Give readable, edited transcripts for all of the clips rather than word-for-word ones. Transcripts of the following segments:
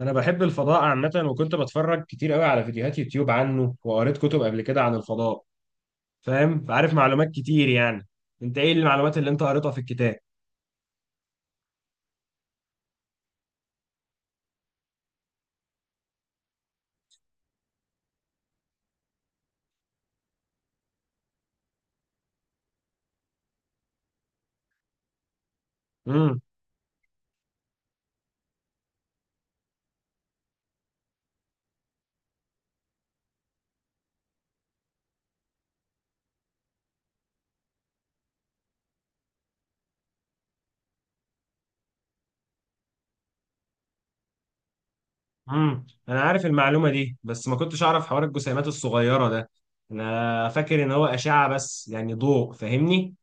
انا بحب الفضاء عامه، وكنت بتفرج كتير قوي على فيديوهات يوتيوب عنه، وقريت كتب قبل كده عن الفضاء. فاهم، فعارف معلومات كتير يعني. انت ايه المعلومات اللي انت قريتها في الكتاب؟ امم انا عارف المعلومه دي، بس ما كنتش اعرف حوار الجسيمات الصغيره ده. انا فاكر ان هو اشعه بس، يعني ضوء، فاهمني.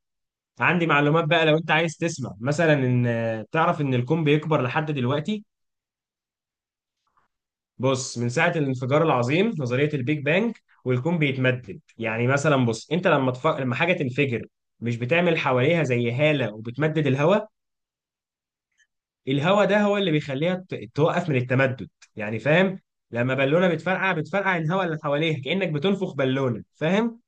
عندي معلومات بقى لو انت عايز تسمع، مثلا ان تعرف ان الكون بيكبر لحد دلوقتي. بص، من ساعة الانفجار العظيم، نظرية البيج بانج، والكون بيتمدد. يعني مثلا، بص انت لما حاجة تنفجر، مش بتعمل حواليها زي هالة وبتمدد الهواء؟ الهواء ده هو اللي توقف من التمدد. يعني فاهم؟ لما بالونة بتفرقع، بتفرقع الهواء اللي حواليها، كأنك بتنفخ بالونة، فاهم؟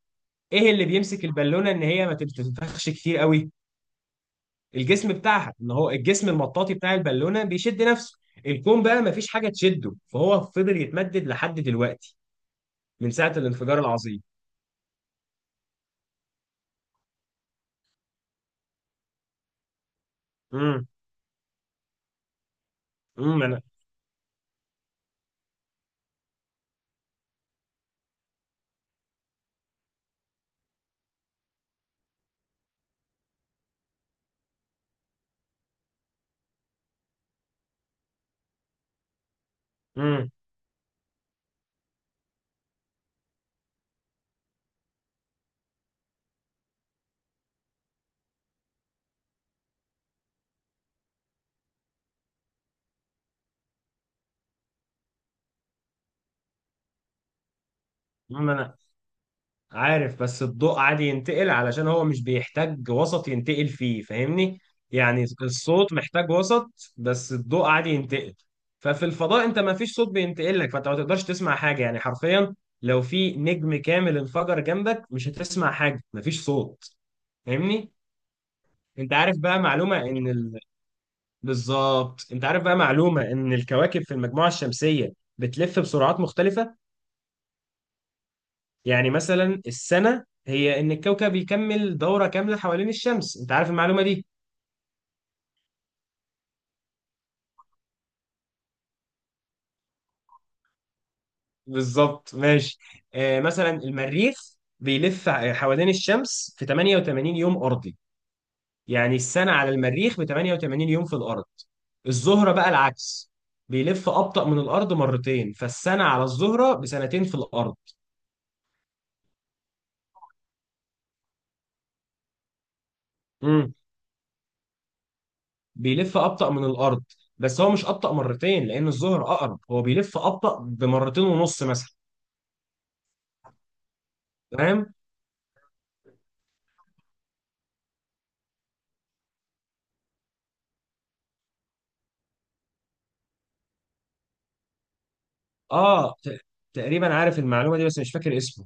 ايه اللي بيمسك البالونة ان هي ما تنفخش كتير قوي؟ الجسم بتاعها، ان هو الجسم المطاطي بتاع البالونة، بيشد نفسه. الكون بقى مفيش حاجة تشده، فهو فضل يتمدد لحد دلوقتي، من ساعة الانفجار العظيم. امم امم انا امم انا عارف، بس الضوء عادي ينتقل علشان هو مش بيحتاج وسط ينتقل فيه، فاهمني. يعني الصوت محتاج وسط، بس الضوء عادي ينتقل. ففي الفضاء انت ما فيش صوت بينتقل لك، فانت ما تقدرش تسمع حاجة، يعني حرفيا. لو في نجم كامل انفجر جنبك، مش هتسمع حاجة، ما فيش صوت، فاهمني. انت عارف بقى معلومة بالظبط، انت عارف بقى معلومة ان الكواكب في المجموعة الشمسية بتلف بسرعات مختلفة. يعني مثلا، السنة هي إن الكوكب يكمل دورة كاملة حوالين الشمس، أنت عارف المعلومة دي. بالظبط، ماشي. آه، مثلا المريخ حوالين الشمس في 88 يوم أرضي. يعني السنة على المريخ ب 88 يوم في الأرض. الزهرة بقى العكس، بيلف أبطأ من الأرض مرتين، فالسنة على الزهرة بسنتين في الأرض. امم بيلف أبطأ من الأرض، بس هو مش أبطأ مرتين لأن الزهر أقرب، هو بيلف أبطأ بمرتين ونص مثلا. فاهم؟ اه، تقريبا عارف المعلومه دي، بس مش فاكر اسمه.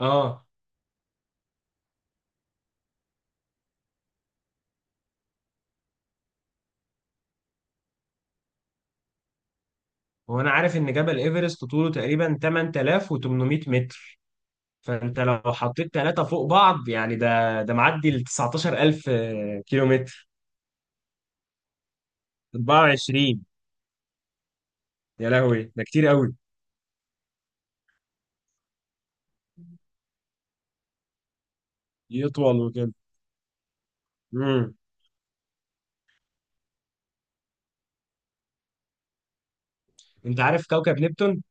اه، هو انا عارف ان جبل ايفرست طوله تقريبا 8800 متر، فانت لو حطيت ثلاثه فوق بعض، يعني ده معدي ال 19000 كيلو متر. 24. يا لهوي، ده كتير قوي. يطول وكده. امم انت عارف كوكب نبتون؟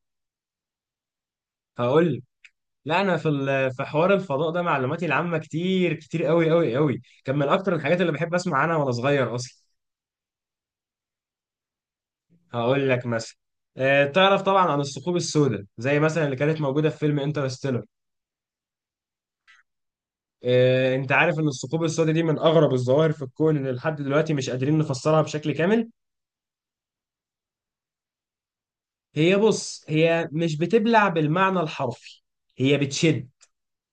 هقول لك. لا، انا في حوار الفضاء ده معلوماتي العامه كتير كتير قوي قوي قوي، كان من اكتر الحاجات اللي بحب اسمع عنها وانا صغير اصلا. هقول لك مثلا. تعرف طبعا عن الثقوب السوداء، زي مثلا اللي كانت موجوده في فيلم انترستيلر. انت عارف ان الثقوب السوداء دي من اغرب الظواهر في الكون، اللي لحد دلوقتي مش قادرين نفسرها بشكل كامل. هي، بص، هي مش بتبلع بالمعنى الحرفي، هي بتشد.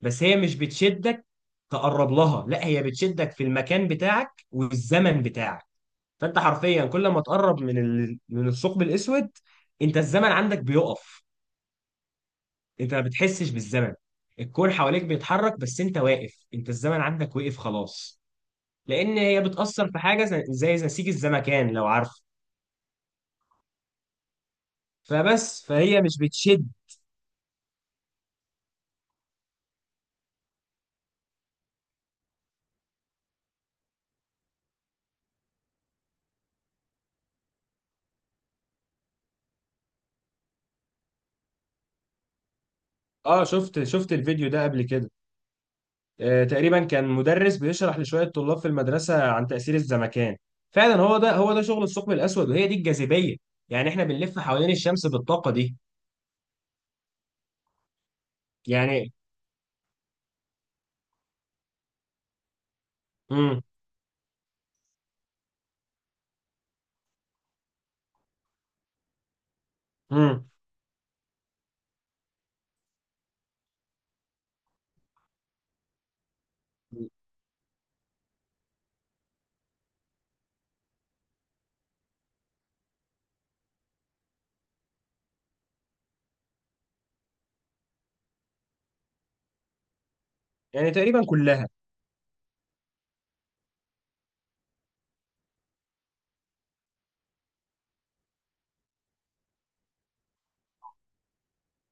بس هي مش بتشدك تقرب لها، لا، هي بتشدك في المكان بتاعك والزمن بتاعك. فانت حرفيا كل ما تقرب من الثقب الاسود، انت الزمن عندك بيقف. انت ما بتحسش بالزمن، الكون حواليك بيتحرك بس انت واقف، انت الزمن عندك وقف خلاص، لان هي بتأثر في حاجة زي نسيج الزمكان، لو عارف. فبس، فهي مش بتشد. اه، شفت الفيديو ده قبل كده. تقريبا كان مدرس بيشرح لشوية طلاب في المدرسة عن تأثير الزمكان. فعلا، هو ده، هو ده شغل الثقب الأسود، وهي دي الجاذبية. يعني احنا بنلف حوالين الشمس بالطاقة دي. يعني امم امم يعني تقريبا كلها.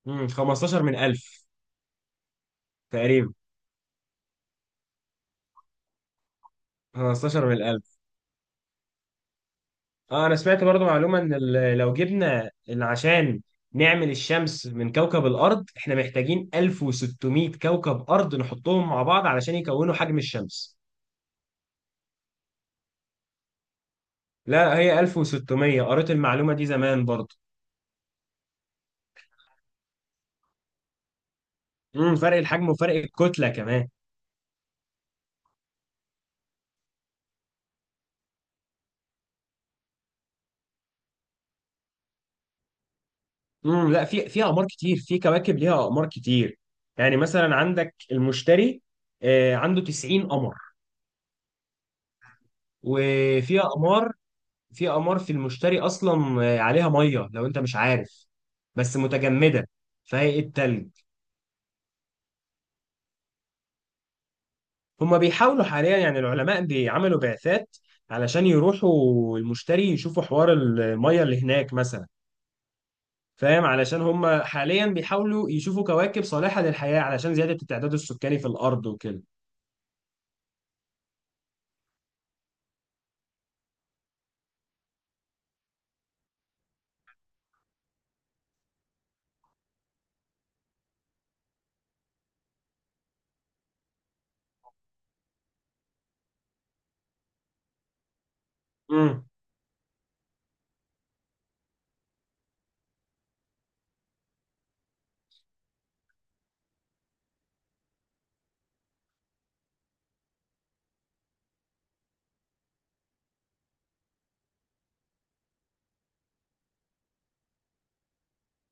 15 من 1000 تقريبا. 15 من 1000. اه، انا سمعت برضو معلومة ان لو جبنا عشان نعمل الشمس من كوكب الارض، احنا محتاجين 1600 كوكب ارض نحطهم مع بعض علشان يكونوا حجم الشمس. لا، هي 1600، قريت المعلومة دي زمان برضو. فرق الحجم وفرق الكتلة كمان. لا، في اقمار كتير، في كواكب ليها اقمار كتير. يعني مثلا عندك المشتري، عنده 90 قمر. وفي اقمار، في أمار في المشتري أصلا، عليها مية لو أنت مش عارف، بس متجمدة، فهي إيه التلج. هما بيحاولوا حاليا، يعني العلماء بيعملوا بعثات علشان يروحوا المشتري يشوفوا حوار المية اللي هناك مثلا، فاهم؟ علشان هما حاليا بيحاولوا يشوفوا كواكب صالحة للحياة علشان زيادة التعداد السكاني في الأرض وكده. امم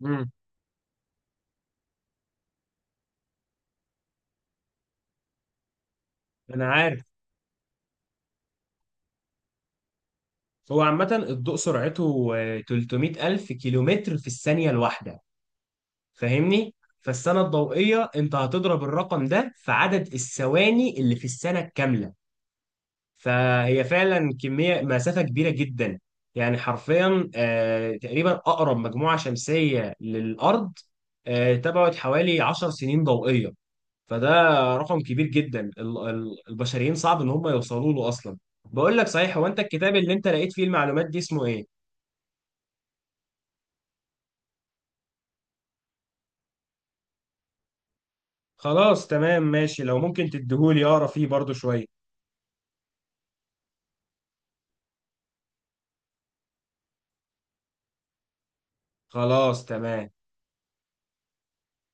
امم أنا عارف. هو عامة الضوء سرعته 300 ألف كيلومتر في الثانية الواحدة، فاهمني. فالسنة الضوئية انت هتضرب الرقم ده في عدد الثواني اللي في السنة الكاملة، فهي فعلا كمية مسافة كبيرة جدا. يعني حرفيا تقريبا أقرب مجموعة شمسية للأرض تبعد حوالي 10 سنين ضوئية. فده رقم كبير جدا، البشريين صعب ان هم يوصلوا له اصلا. بقول لك صحيح، هو انت الكتاب اللي انت لقيت فيه المعلومات دي اسمه ايه؟ خلاص تمام ماشي، لو ممكن تديهولي اقرا فيه برضو شوية. خلاص تمام.